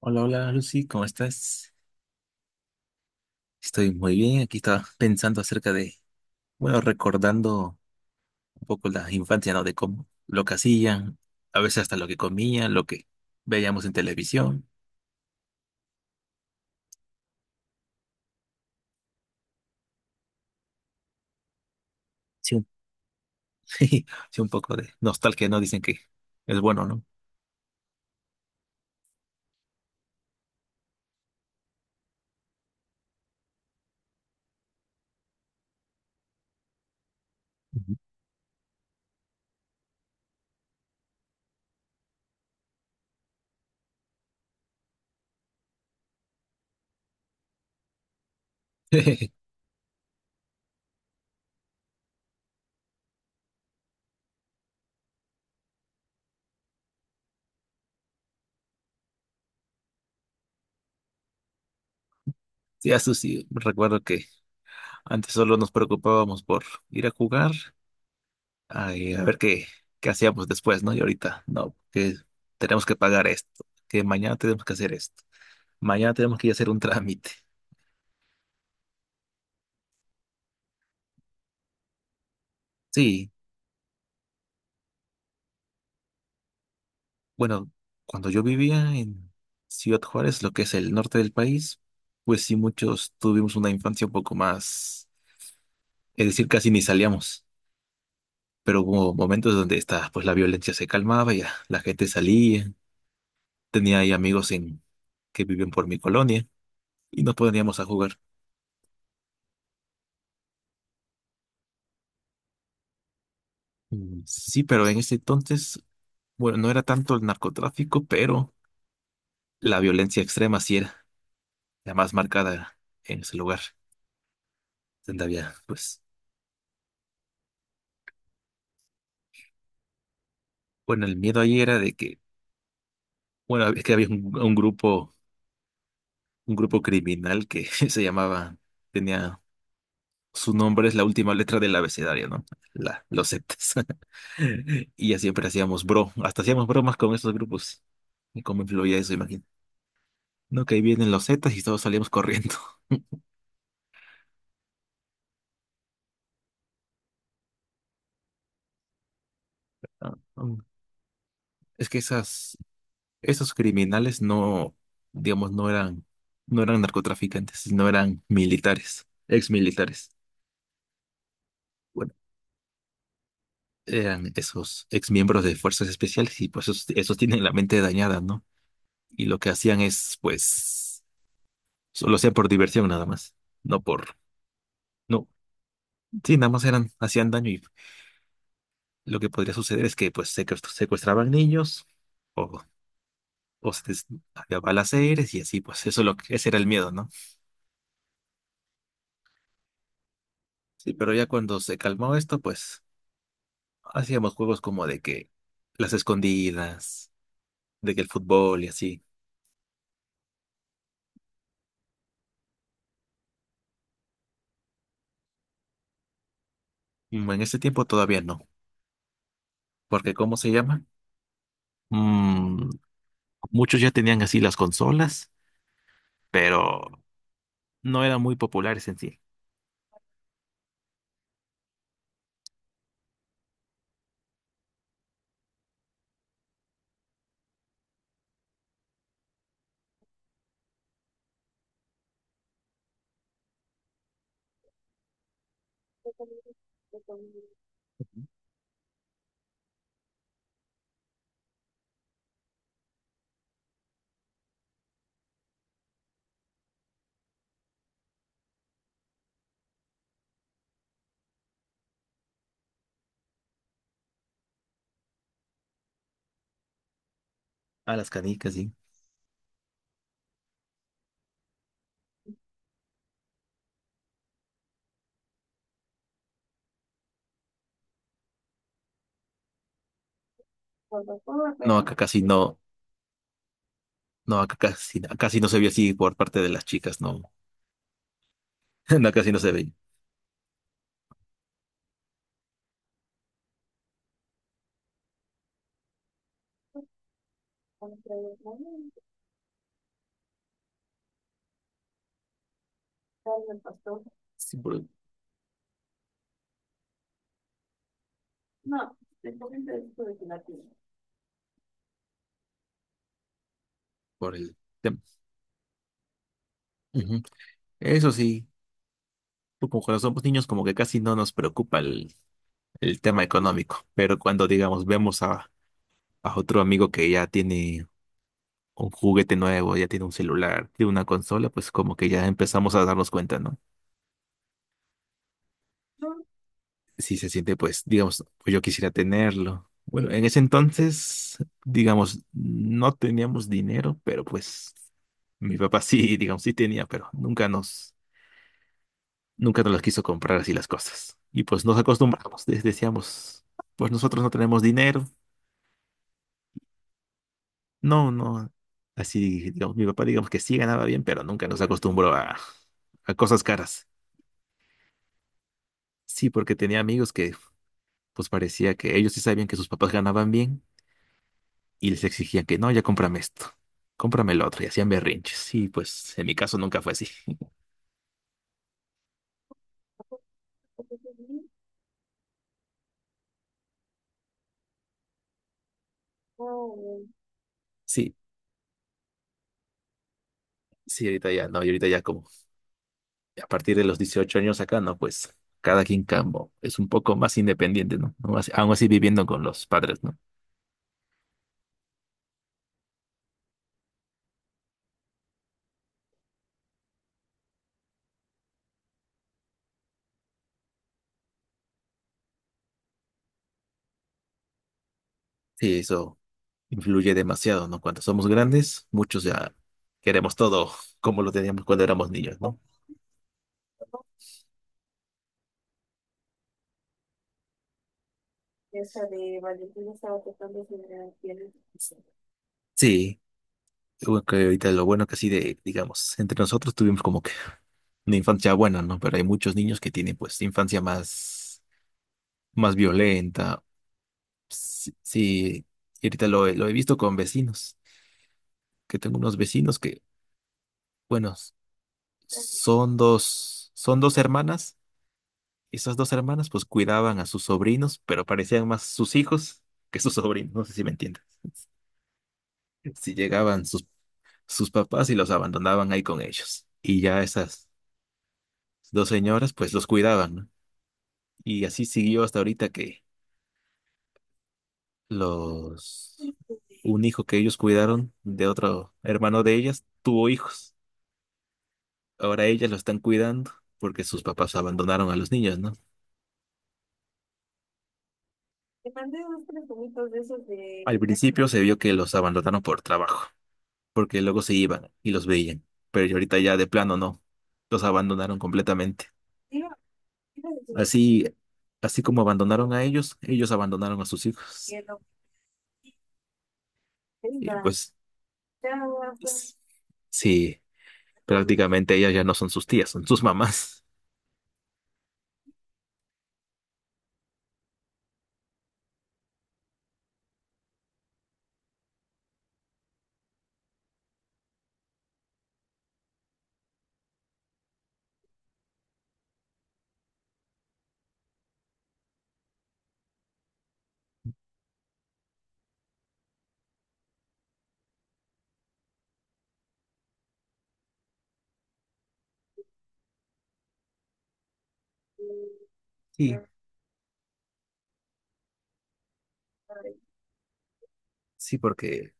Hola, hola Lucy, ¿cómo estás? Estoy muy bien. Aquí estaba pensando acerca de, bueno, recordando un poco la infancia, ¿no? De cómo lo que hacían, a veces hasta lo que comían, lo que veíamos en televisión. Sí, un, sí, un poco de nostalgia, ¿no? Dicen que es bueno, ¿no? Ujú. Sí, a Susi, recuerdo que antes solo nos preocupábamos por ir a jugar, a ver qué hacíamos después, ¿no? Y ahorita, no, que tenemos que pagar esto, que mañana tenemos que hacer esto. Mañana tenemos que ir a hacer un trámite. Sí, bueno, cuando yo vivía en Ciudad Juárez, lo que es el norte del país, pues sí, muchos tuvimos una infancia un poco más, es decir, casi ni salíamos, pero hubo momentos donde esta, pues la violencia se calmaba, y ya la gente salía, tenía ahí amigos en, que viven por mi colonia y nos poníamos a jugar. Sí, pero en ese entonces, bueno, no era tanto el narcotráfico, pero la violencia extrema sí era la más marcada en ese lugar, donde había, pues bueno, el miedo ahí era de que, bueno, es que había un grupo, un grupo criminal que se llamaba, tenía, su nombre es la última letra del abecedario, ¿no? La, los septas. Y ya siempre hacíamos bro, hasta hacíamos bromas con esos grupos. Y cómo influía eso, imagino. No, que ahí vienen los zetas y todos salíamos corriendo. Ah, ah. Es que esas, esos criminales no, digamos, no eran, no eran narcotraficantes, no eran militares, ex militares. Eran esos ex miembros de fuerzas especiales y pues esos tienen la mente dañada, ¿no? Y lo que hacían es, pues, solo hacían por diversión nada más, no por, no, sí, nada más eran, hacían daño y lo que podría suceder es que pues secuestraban niños o, o se des- había balaceres y así, pues eso es lo que, ese era el miedo, ¿no? Sí, pero ya cuando se calmó esto, pues hacíamos juegos como de que las escondidas, de que el fútbol y así. En ese tiempo todavía no, porque ¿cómo se llama? Mm, muchos ya tenían así las consolas, pero no eran muy populares en sí. A las canicas, sí. No, acá casi no, no, acá casi no se veía así por parte de las chicas, no. No, acá casi no se veía. Sí, por el tema. Ujú. Eso sí, tú como cuando somos niños, como que casi no nos preocupa el tema económico. Pero cuando, digamos, vemos a otro amigo que ya tiene un juguete nuevo, ya tiene un celular, tiene una consola, pues como que ya empezamos a darnos cuenta, ¿no? Si se siente, pues, digamos, pues yo quisiera tenerlo. Bueno, en ese entonces, digamos, no teníamos dinero, pero pues mi papá sí, digamos, sí tenía, pero nunca nos las quiso comprar así las cosas. Y pues nos acostumbramos, decíamos, pues nosotros no tenemos dinero, no, no. Así, digamos, mi papá, digamos que sí ganaba bien, pero nunca nos acostumbró a cosas caras. Sí, porque tenía amigos que pues parecía que ellos sí sabían que sus papás ganaban bien y les exigían que no, ya cómprame esto, cómprame el otro y hacían berrinches. Y pues en mi caso nunca fue así. Sí, sí, ahorita ya no, y ahorita ya como a partir de los 18 años acá, no, pues cada quien campo es un poco más independiente, ¿no? Aún así viviendo con los padres, ¿no? Sí, eso influye demasiado, ¿no? Cuando somos grandes, muchos ya queremos todo como lo teníamos cuando éramos niños, ¿no? Esa de Valentina estaba tocando sobre la piel. Sí, bueno, que ahorita lo bueno que sí, de, digamos, entre nosotros tuvimos como que una infancia buena, ¿no? Pero hay muchos niños que tienen pues infancia más, más violenta. Sí, sí, y ahorita lo, lo he visto con vecinos, que tengo unos vecinos que, bueno, son dos hermanas. Esas dos hermanas pues cuidaban a sus sobrinos, pero parecían más sus hijos que sus sobrinos, no sé si me entiendes. Si llegaban sus, sus papás y los abandonaban ahí con ellos. Y ya esas dos señoras pues los cuidaban, ¿no? Y así siguió hasta ahorita que los un hijo que ellos cuidaron de otro hermano de ellas tuvo hijos. Ahora ellas lo están cuidando porque sus papás abandonaron a los niños, ¿no? Te mandé dos, tres juguitos de esos de al principio se vio que los abandonaron por trabajo, porque luego se iban y los veían, pero ya ahorita ya de plano no, los abandonaron completamente. Así, así como abandonaron a ellos, ellos abandonaron a sus hijos. Y pues s- sí, prácticamente ellas ya no son sus tías, son sus mamás. Sí, sí, porque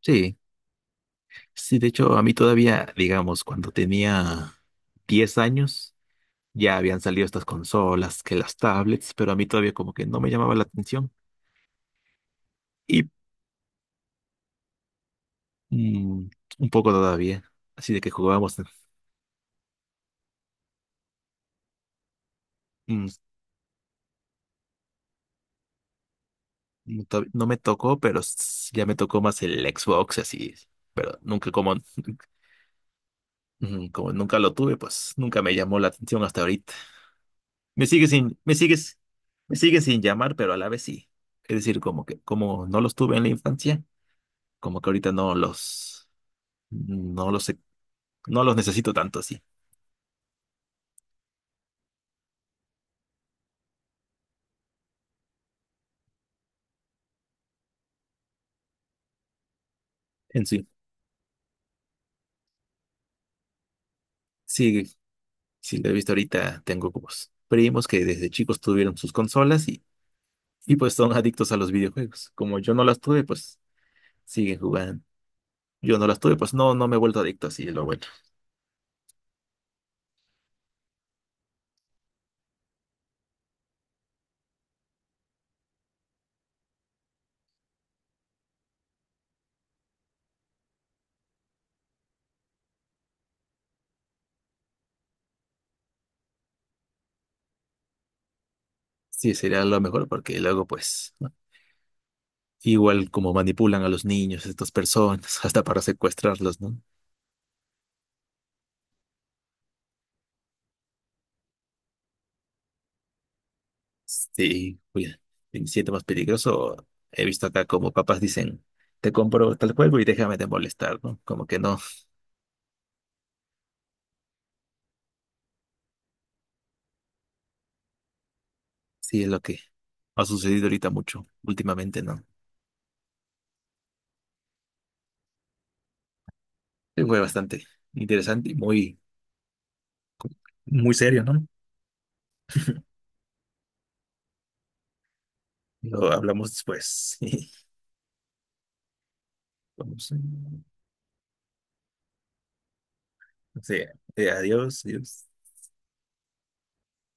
sí, sí, de hecho a mí todavía, digamos, cuando tenía 10 años, ya habían salido estas consolas, que las tablets, pero a mí todavía como que no me llamaba la atención. y Mm, un poco todavía. Así de que jugábamos. mm, no me tocó, pero ya me tocó más el Xbox, así. Pero nunca, como, como nunca lo tuve, pues nunca me llamó la atención hasta ahorita. Me sigue sin, me sigues, me sigue sin llamar, pero a la vez sí. Es decir, como que, como no los tuve en la infancia, como que ahorita no los, no los, he- no los necesito tanto así. En sí, sí, sí lo he visto ahorita, tengo como primos que desde chicos tuvieron sus consolas y pues son adictos a los videojuegos. Como yo no las tuve, pues siguen jugando. Yo no las tuve, pues no, no me he vuelto adicto, así es lo bueno. Sí, sería lo mejor porque luego, pues, ¿no? Igual como manipulan a los niños, estas personas, hasta para secuestrarlos, ¿no? Sí, cuida. Si me siento más peligroso, he visto acá como papás dicen, te compro tal juego y déjame de molestar, ¿no? Como que no, sí es lo que ha sucedido ahorita mucho, últimamente, ¿no? Sí, fue bastante interesante y muy, muy serio, ¿no? Lo hablamos después. Vamos. Sí, adiós, adiós.